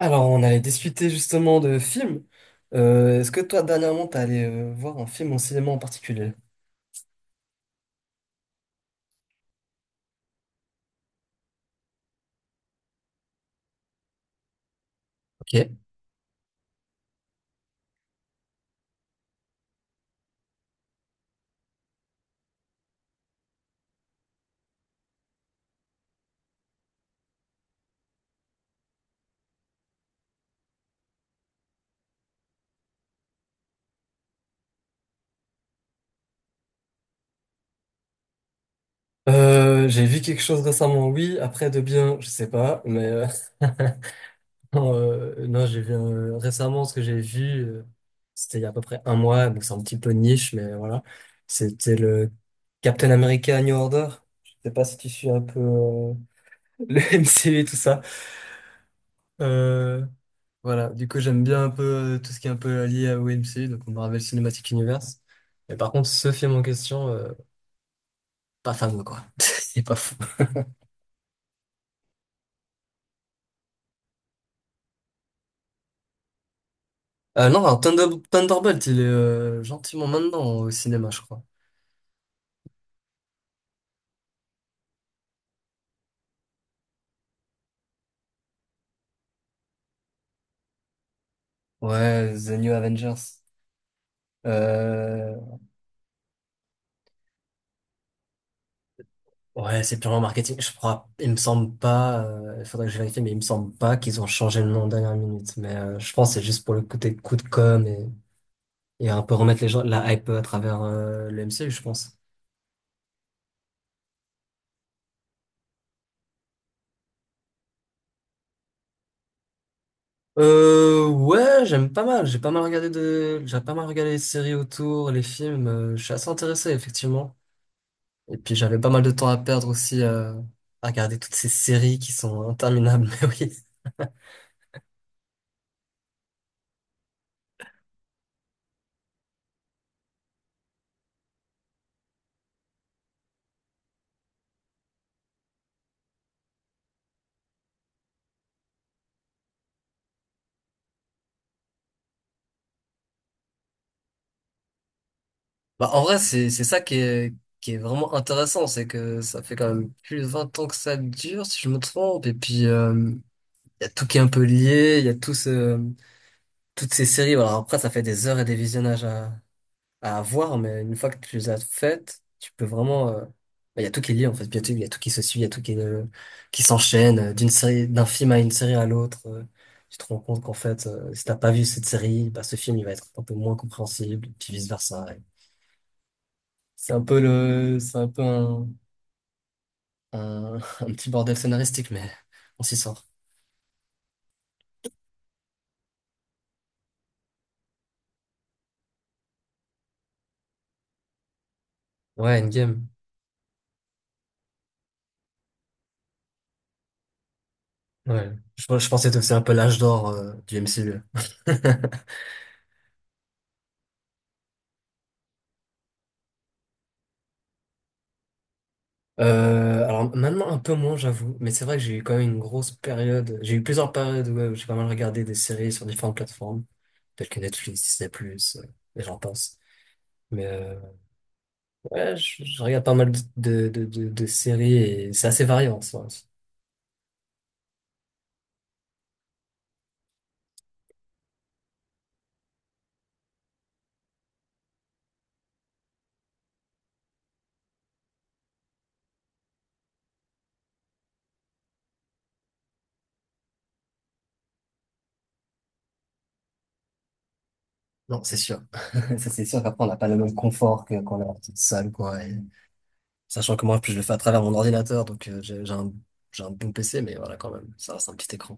Alors, on allait discuter justement de films. Est-ce que toi, dernièrement, t'es allé voir un film en cinéma en particulier? Ok. J'ai vu quelque chose récemment, oui. Après, de bien, je sais pas, mais non, j'ai vu récemment ce que j'ai vu. C'était il y a à peu près 1 mois, donc c'est un petit peu niche, mais voilà. C'était le Captain America New Order. Je sais pas si tu suis un peu le MCU et tout ça. Euh, voilà, du coup j'aime bien un peu tout ce qui est un peu lié au MCU, donc au Marvel Cinematic Universe. Mais par contre, ce film en question, pas fameux quoi. Il est pas fou. Non, alors, Thunderbolt, il est gentiment maintenant au cinéma, je crois. Ouais, The New Avengers. Euh, ouais, c'est purement marketing, je crois. Il me semble pas, il faudrait que je vérifie, mais il me semble pas qu'ils ont changé le nom en dernière minute. Mais je pense que c'est juste pour le côté coup de com et un peu remettre les gens, la hype à travers le MCU, je pense. Ouais, j'aime pas mal. J'ai pas mal j'ai pas mal regardé les séries autour, les films. Je suis assez intéressé, effectivement. Et puis j'avais pas mal de temps à perdre aussi à regarder toutes ces séries qui sont interminables. Mais oui. Bah en vrai, c'est ça qui est vraiment intéressant, c'est que ça fait quand même plus de 20 ans que ça dure, si je me trompe. Et puis il y a tout qui est un peu lié. Il y a tous ce toutes ces séries. Voilà, après ça fait des heures et des visionnages à avoir, mais une fois que tu les as faites, tu peux vraiment. Il y a tout qui est lié en fait. Il y a tout, il y a tout qui se suit, il y a tout qui qui s'enchaîne d'une série, d'un film à une série à l'autre. Tu te rends compte qu'en fait, si t'as pas vu cette série, bah, ce film il va être un peu moins compréhensible, puis vice versa. Ouais. C'est un peu c'est un peu un, un petit bordel scénaristique, mais on s'y sort. Ouais, Endgame. Ouais. Je pensais que c'était un peu l'âge d'or du MCU. Alors maintenant un peu moins j'avoue, mais c'est vrai que j'ai eu quand même une grosse période, j'ai eu plusieurs périodes ouais, où j'ai pas mal regardé des séries sur différentes plateformes, telles que Netflix, Disney+, euh, et j'en passe. Mais ouais, je regarde pas mal de séries et c'est assez varié en soi. Non, c'est sûr. Ça, c'est sûr qu'après, on n'a pas le même confort que quand on est en petite salle, quoi. Et sachant que moi, en plus, je le fais à travers mon ordinateur, donc j'ai un bon PC, mais voilà, quand même, ça reste un petit écran.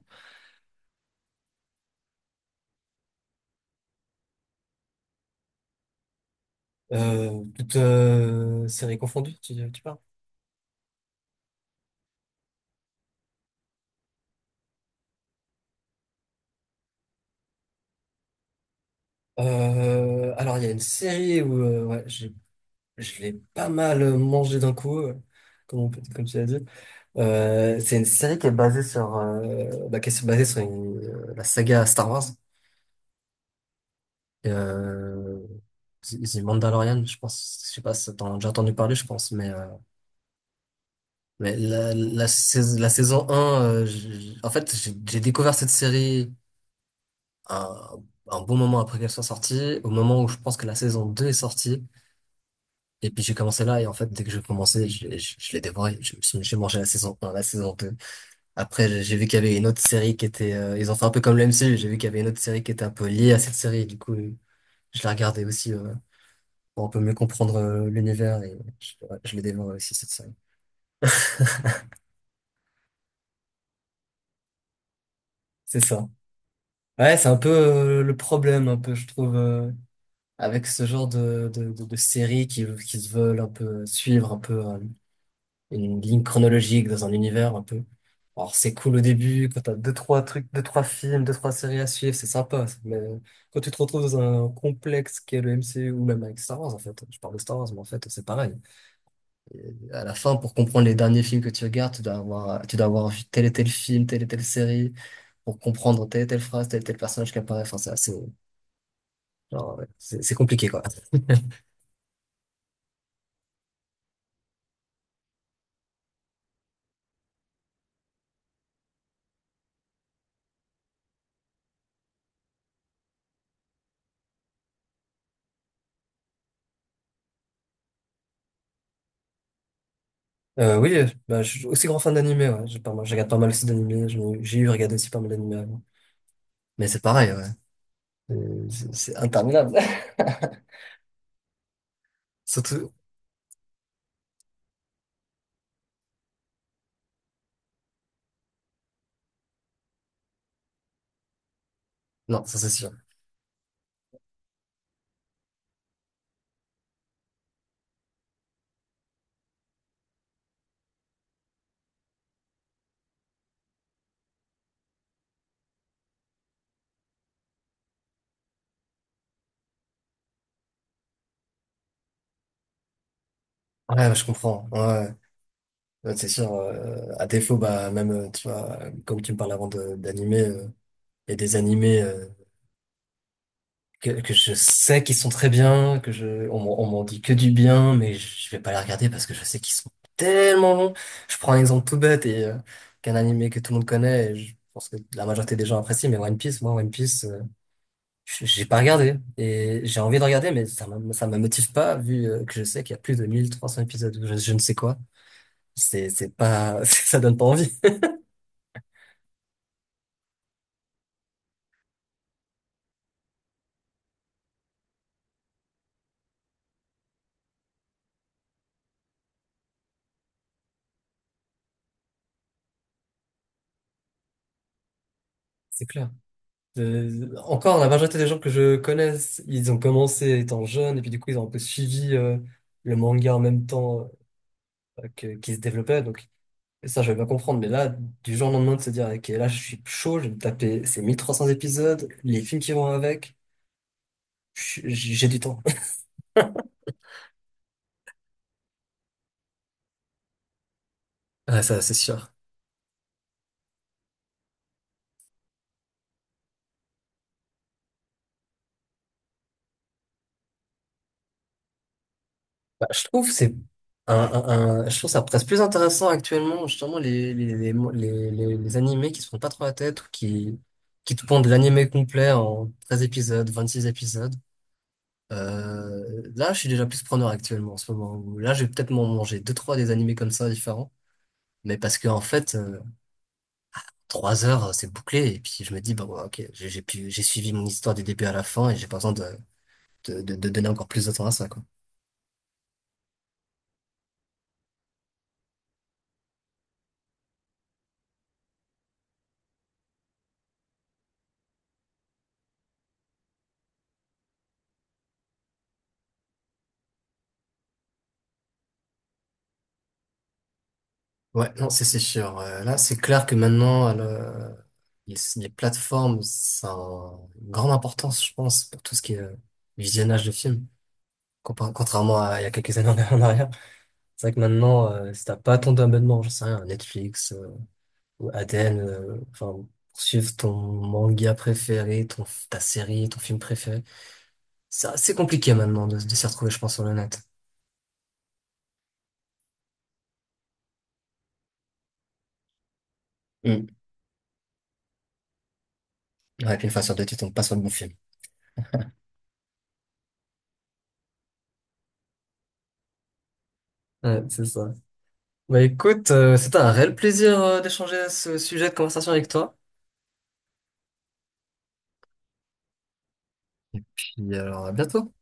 Toute série confondue, tu parles? Alors, il y a une série où ouais, je l'ai pas mal mangé d'un coup, comme tu l'as dit. C'est une série qui est basée sur, qui est basée sur la saga Star Wars. Et the Mandalorian, je pense, je sais pas si t'en as déjà entendu parler, je pense, mais, la saison 1, en fait, j'ai découvert cette série un, un bon moment après qu'elle soit sortie, au moment où je pense que la saison 2 est sortie. Et puis j'ai commencé là et en fait dès que j'ai commencé je l'ai dévoré. J'ai mangé la saison 1 la saison 2. Après j'ai vu qu'il y avait une autre série qui était ils ont fait un peu comme le MCU, j'ai vu qu'il y avait une autre série qui était un peu liée à cette série du coup je la regardais aussi pour un peu mieux comprendre l'univers et ouais, je l'ai dévoré aussi cette série. C'est ça. Ouais, c'est un peu le problème un peu je trouve avec ce genre de séries qui se veulent un peu suivre un peu une ligne chronologique dans un univers un peu. Alors c'est cool au début, quand t'as deux, trois trucs, deux, trois films, deux, trois séries à suivre, c'est sympa. Ça. Mais quand tu te retrouves dans un complexe qui est le MCU ou même avec Star Wars, en fait, je parle de Star Wars, mais en fait c'est pareil. Et à la fin, pour comprendre les derniers films que tu regardes, tu dois avoir vu tel et tel film, telle et telle série, pour comprendre telle et telle phrase, tel et tel personnage qui apparaît. Enfin, c'est assez, genre, ouais, c'est compliqué, quoi. Oui, bah, je suis aussi grand fan d'animé, ouais. J'ai pas mal- Je regarde pas mal aussi d'animé. J'ai eu regardé aussi pas mal d'animé. Mais c'est pareil, ouais. C'est interminable. Surtout, non, ça c'est sûr. Ouais, ouais, je comprends. Ouais, ouais, ouais, c'est sûr. À défaut, bah même, tu vois, comme tu me parles avant d'animer, il y a des animés. Que je sais qu'ils sont très bien, que je, on m'en dit que du bien, mais je vais pas les regarder parce que je sais qu'ils sont tellement longs. Je prends un exemple tout bête et qu'un animé que tout le monde connaît, et je pense que la majorité des gens apprécient, mais One Piece, moi, One Piece, j'ai pas regardé. Et j'ai envie de regarder, mais ça me motive pas vu que je sais qu'il y a plus de 1300 épisodes ou je ne sais quoi. C'est pas, ça donne pas envie, c'est clair. Encore, la majorité des gens que je connaisse, ils ont commencé étant jeunes et puis du coup, ils ont un peu suivi le manga en même temps qui se développait. Donc, ça, je vais pas comprendre. Mais là, du jour au lendemain, de se dire, OK, là, je suis chaud, je vais me taper ces 1300 épisodes, les films qui vont avec, j'ai du temps. Ah, ça, c'est sûr. Bah, je trouve que c'est je trouve ça presque plus intéressant actuellement justement les animés qui se prennent pas trop la tête ou qui te pondent de l'animé complet en 13 épisodes, 26 épisodes. Là, je suis déjà plus preneur actuellement en ce moment. Où Là, je vais peut-être m'en manger deux trois des animés comme ça différents, mais parce que en fait 3 heures c'est bouclé et puis je me dis bah ouais, ok j'ai suivi mon histoire du début à la fin et j'ai pas besoin de de donner encore plus de temps à ça, quoi. Ouais, non, c'est sûr. Là, c'est clair que maintenant, les plateformes, ça a une grande importance, je pense, pour tout ce qui est visionnage de films. Contrairement à il y a quelques années en en arrière. C'est vrai que maintenant, si t'as pas ton abonnement, je sais rien, Netflix, ou Aden enfin, pour suivre ton manga préféré, ta série, ton film préféré, c'est assez compliqué maintenant de s'y retrouver, je pense, sur le net. Mm. Ouais, puis une fois sur deux, tu tombes pas sur le bon film. Ouais, c'est ça. Bah écoute, c'était un réel plaisir d'échanger ce sujet de conversation avec toi. Puis alors, à bientôt.